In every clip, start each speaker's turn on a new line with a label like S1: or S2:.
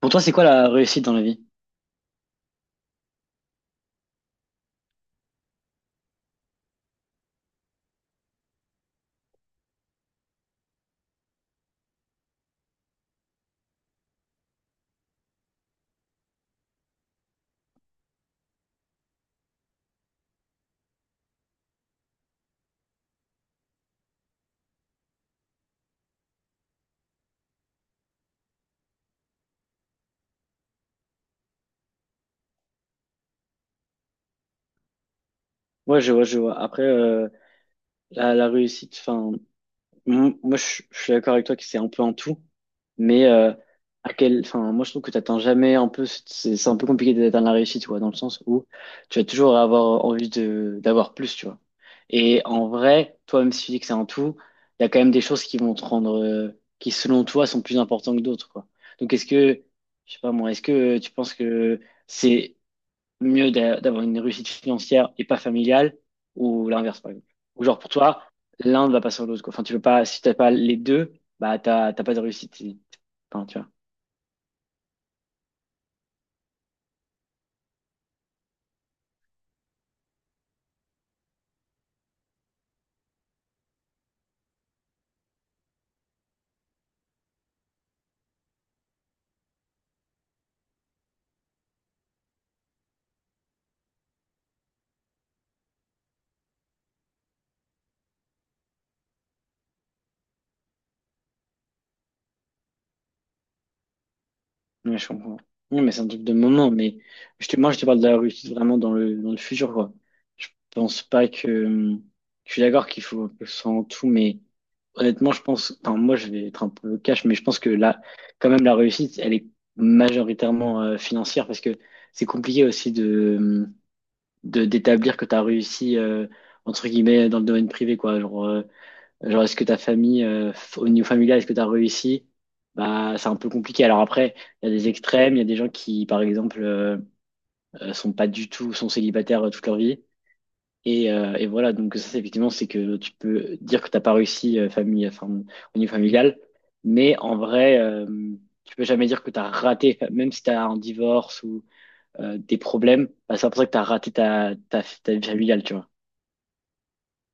S1: Pour toi, c'est quoi la réussite dans la vie? Ouais, je vois, je vois. Après, la réussite, enfin, moi, je suis d'accord avec toi que c'est un peu en tout, mais à quel, enfin, moi, je trouve que t'atteins jamais un peu, c'est un peu compliqué d'atteindre la réussite, tu vois, dans le sens où tu vas toujours avoir envie de d'avoir plus, tu vois. Et en vrai, toi, même si tu dis que c'est un tout, il y a quand même des choses qui vont te rendre, qui selon toi sont plus importantes que d'autres, quoi. Donc, est-ce que, je sais pas moi, est-ce que tu penses que c'est mieux d'avoir une réussite financière et pas familiale ou l'inverse, par exemple. Ou genre, pour toi, l'un va pas sans l'autre, quoi. Enfin, tu veux pas, si t'as pas les deux, bah, t'as pas de réussite. Et- Enfin, tu vois. Ouais, je comprends. Ouais, mais c'est un truc de moment, mais moi, je te parle de la réussite vraiment dans le futur, quoi. Je pense pas que, je suis d'accord qu'il faut que ce soit tout, mais honnêtement, je pense, enfin, moi, je vais être un peu cash, mais je pense que là, quand même, la réussite, elle est majoritairement financière parce que c'est compliqué aussi de d'établir que tu as réussi entre guillemets dans le domaine privé, quoi. Genre genre est-ce que ta famille, au niveau familial, est-ce que tu as réussi? Bah c'est un peu compliqué. Alors après il y a des extrêmes, il y a des gens qui par exemple sont pas du tout, sont célibataires toute leur vie et voilà. Donc ça c'est effectivement, c'est que tu peux dire que t'as pas réussi famille, enfin, au niveau familial. Mais en vrai tu peux jamais dire que tu as raté, enfin, même si tu as un divorce ou des problèmes, bah, c'est pas pour ça que tu as raté ta vie familiale, tu vois.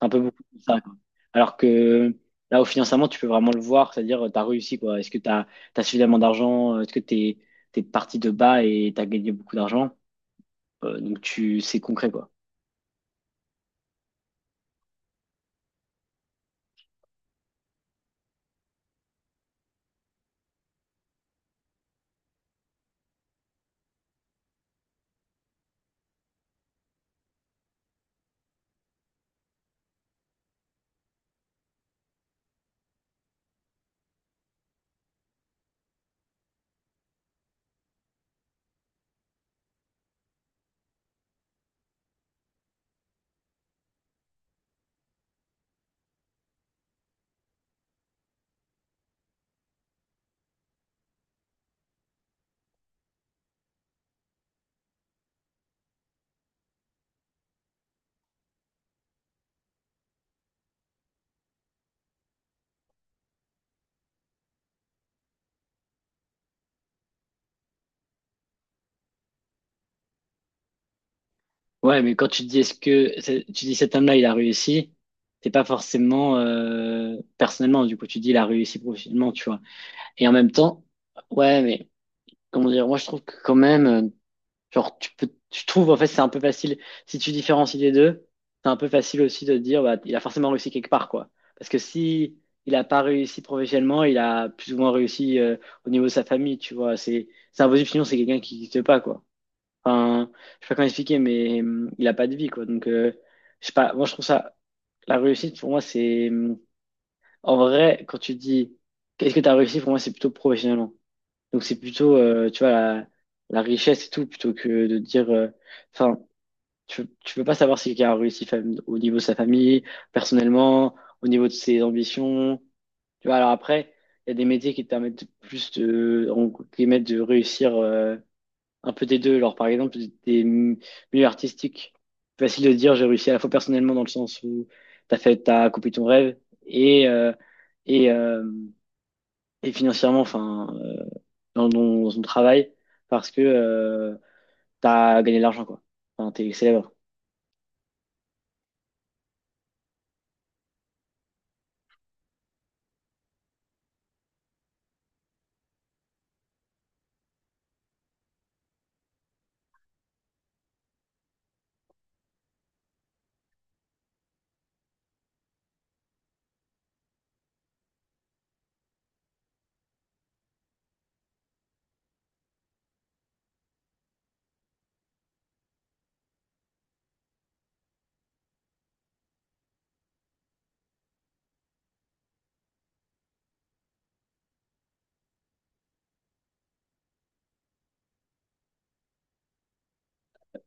S1: Un peu beaucoup comme ça, quoi. Alors que là, au financement, tu peux vraiment le voir, c'est-à-dire, tu as réussi, quoi. Est-ce que tu as suffisamment d'argent? Est-ce que tu es parti de bas et tu as gagné beaucoup d'argent? Donc, tu, c'est concret, quoi. Ouais, mais quand tu te dis, est-ce que, c'est- tu dis cet homme-là, il a réussi, c'est pas forcément personnellement, du coup, tu dis, il a réussi professionnellement, tu vois. Et en même temps, ouais, mais comment dire, moi, je trouve que quand même. Genre, tu peux, je trouve, en fait, c'est un peu facile. Si tu différencies les deux, c'est un peu facile aussi de te dire, bah, il a forcément réussi quelque part, quoi. Parce que si il a pas réussi professionnellement, il a plus ou moins réussi au niveau de sa famille, tu vois. C'est impossible, sinon c'est quelqu'un qui n'existe pas, quoi. Enfin, je sais pas comment expliquer, mais il a pas de vie, quoi. Donc, je sais pas, moi, je trouve ça, la réussite, pour moi, c'est, en vrai, quand tu dis, qu'est-ce que tu as réussi, pour moi, c'est plutôt professionnellement. Donc c'est plutôt, tu vois, la richesse et tout, plutôt que de dire, enfin, tu peux pas savoir si quelqu'un a réussi au niveau de sa famille, personnellement, au niveau de ses ambitions. Tu vois, alors après, il y a des métiers qui te permettent plus de, qui permettent de réussir un peu des deux. Alors par exemple, des milieux artistiques, c'est facile de dire j'ai réussi à la fois personnellement dans le sens où t'as accompli ton rêve et euh, et euh, et financièrement, enfin. Dans, dans ton travail parce que t'as gagné de l'argent, quoi. Enfin, t'es célèbre.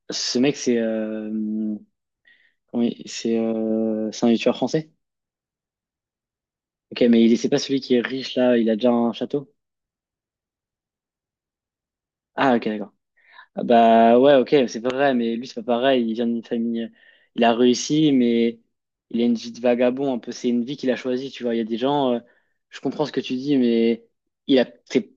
S1: Ce mec, c'est comment c'est un youtubeur français. Ok, mais il c'est pas celui qui est riche là, il a déjà un château. Ah, ok, d'accord. Ah, bah ouais, ok, c'est pas vrai, mais lui, c'est pas pareil. Il vient d'une famille, il a réussi, mais il a une vie de vagabond, un peu. C'est une vie qu'il a choisie, tu vois. Il y a des gens, je comprends ce que tu dis, mais il a, c'est-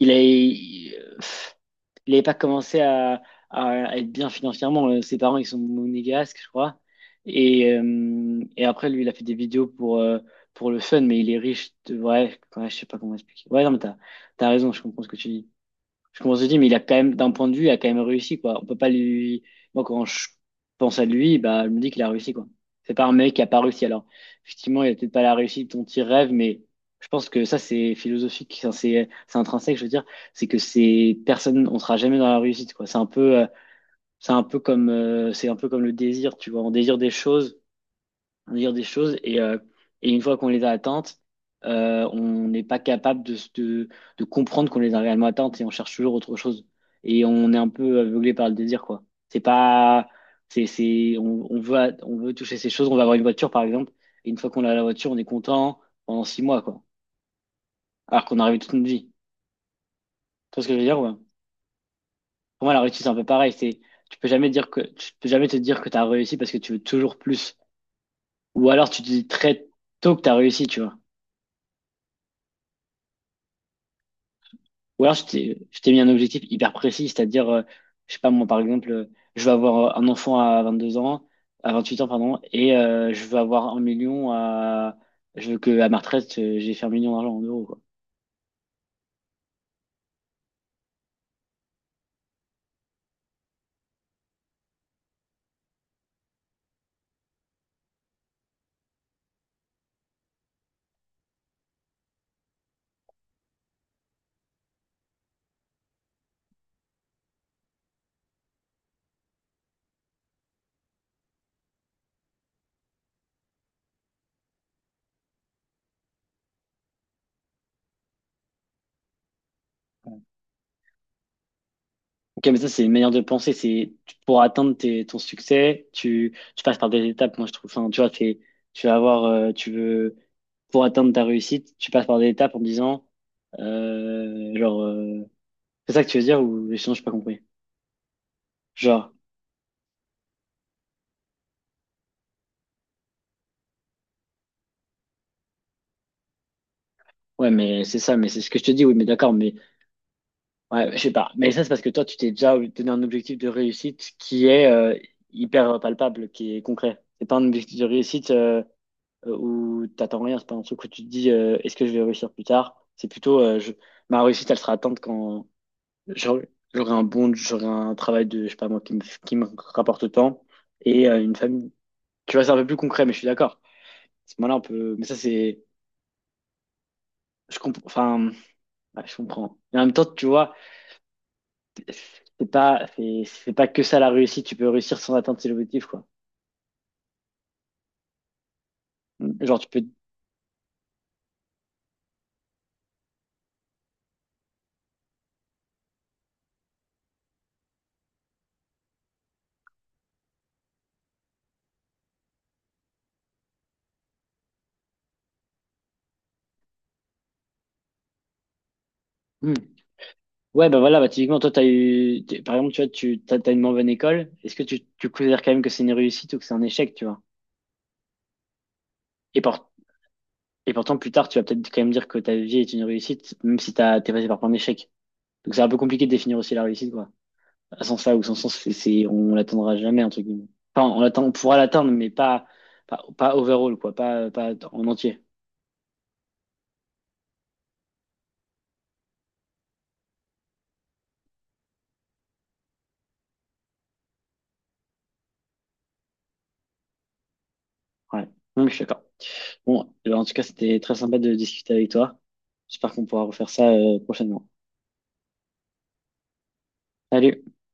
S1: il a, Il n'avait pas commencé à être bien financièrement. Ses parents, ils sont monégasques, je crois. Et après, lui, il a fait des vidéos pour le fun, mais il est riche. De... Ouais, ouais, je sais pas comment expliquer. Ouais, non, mais t'as, t'as raison, je comprends ce que tu dis. Je commence à me dire, mais il a quand même, d'un point de vue, il a quand même réussi, quoi. On peut pas lui. Moi, quand je pense à lui, bah, je me dis qu'il a réussi, quoi. C'est pas un mec qui a pas réussi. Alors, effectivement, il a peut-être pas la réussite dont il rêve, mais je pense que ça, c'est philosophique, ça, c'est intrinsèque, je veux dire. C'est que ces personnes, on sera jamais dans la réussite, quoi. C'est un peu comme, c'est un peu comme le désir, tu vois. On désire des choses dire des choses et une fois qu'on les a atteintes, on n'est pas capable de comprendre qu'on les a réellement atteintes et on cherche toujours autre chose. Et on est un peu aveuglé par le désir, quoi. C'est pas, on veut, on veut toucher ces choses, on va avoir une voiture, par exemple, et une fois qu'on a la voiture, on est content pendant 6 mois, quoi. Alors qu'on a rêvé toute notre vie. Tu vois ce que je veux dire, ouais. Pour moi, la réussite, c'est un peu pareil. C'est, tu peux jamais dire que, tu peux jamais te dire que tu as réussi parce que tu veux toujours plus. Ou alors, tu te dis très tôt que tu as réussi, tu vois. Ou alors, je t'ai mis un objectif hyper précis, c'est-à-dire, je sais pas, moi, par exemple, je veux avoir un enfant à 22 ans, à 28 ans, pardon, et je veux avoir un million à... Je veux que à ma retraite, j'ai fait 1 million d'argent en euros, quoi. Ok, mais ça, c'est une manière de penser. C'est pour atteindre ton succès, tu passes par des étapes. Moi, je trouve. Enfin, tu vois, t'es- tu vas avoir, tu veux pour atteindre ta réussite, tu passes par des étapes en disant, euh, genre, euh, c'est ça que tu veux dire ou sinon, j'ai pas compris. Genre. Ouais, mais c'est ça, mais c'est ce que je te dis, oui, mais d'accord, mais ouais, je sais pas. Mais ça, c'est parce que toi, tu t'es déjà donné un objectif de réussite qui est hyper palpable, qui est concret. C'est pas un objectif de réussite où t'attends rien, c'est pas un truc où tu te dis est-ce que je vais réussir plus tard? C'est plutôt ma réussite, elle sera atteinte quand j'aurai un bon, j'aurai un travail de, je sais pas moi, qui me rapporte autant et une famille. Tu vois, c'est un peu plus concret, mais je suis d'accord. À ce moment-là, on peut. Mais ça, c'est. Je comprends. Enfin, ouais, je comprends. Et en même temps, tu vois. C'est pas, c'est pas que ça la réussite. Tu peux réussir sans atteindre ses objectifs, quoi. Mm. Genre, tu peux. Hmm. Ouais, bah voilà, bah typiquement, toi, t'as eu. T'es- Par exemple, tu vois, t'as une moins bonne école. Est-ce que tu considères quand même que c'est une réussite ou que c'est un échec, tu vois? Et, pour- et pourtant, plus tard, tu vas peut-être quand même dire que ta vie est une réussite, même si t'es passé par plein d'échecs. Donc, c'est un peu compliqué de définir aussi la réussite, quoi. À sens là ou sans sens, c'est- on l'atteindra jamais, entre guillemets. Enfin, on l'atteint, on pourra l'atteindre, mais pas, pas overall, quoi. Pas en entier. Ouais. Non, mais je suis d'accord. Bon, en tout cas, c'était très sympa de discuter avec toi. J'espère qu'on pourra refaire ça prochainement. Salut!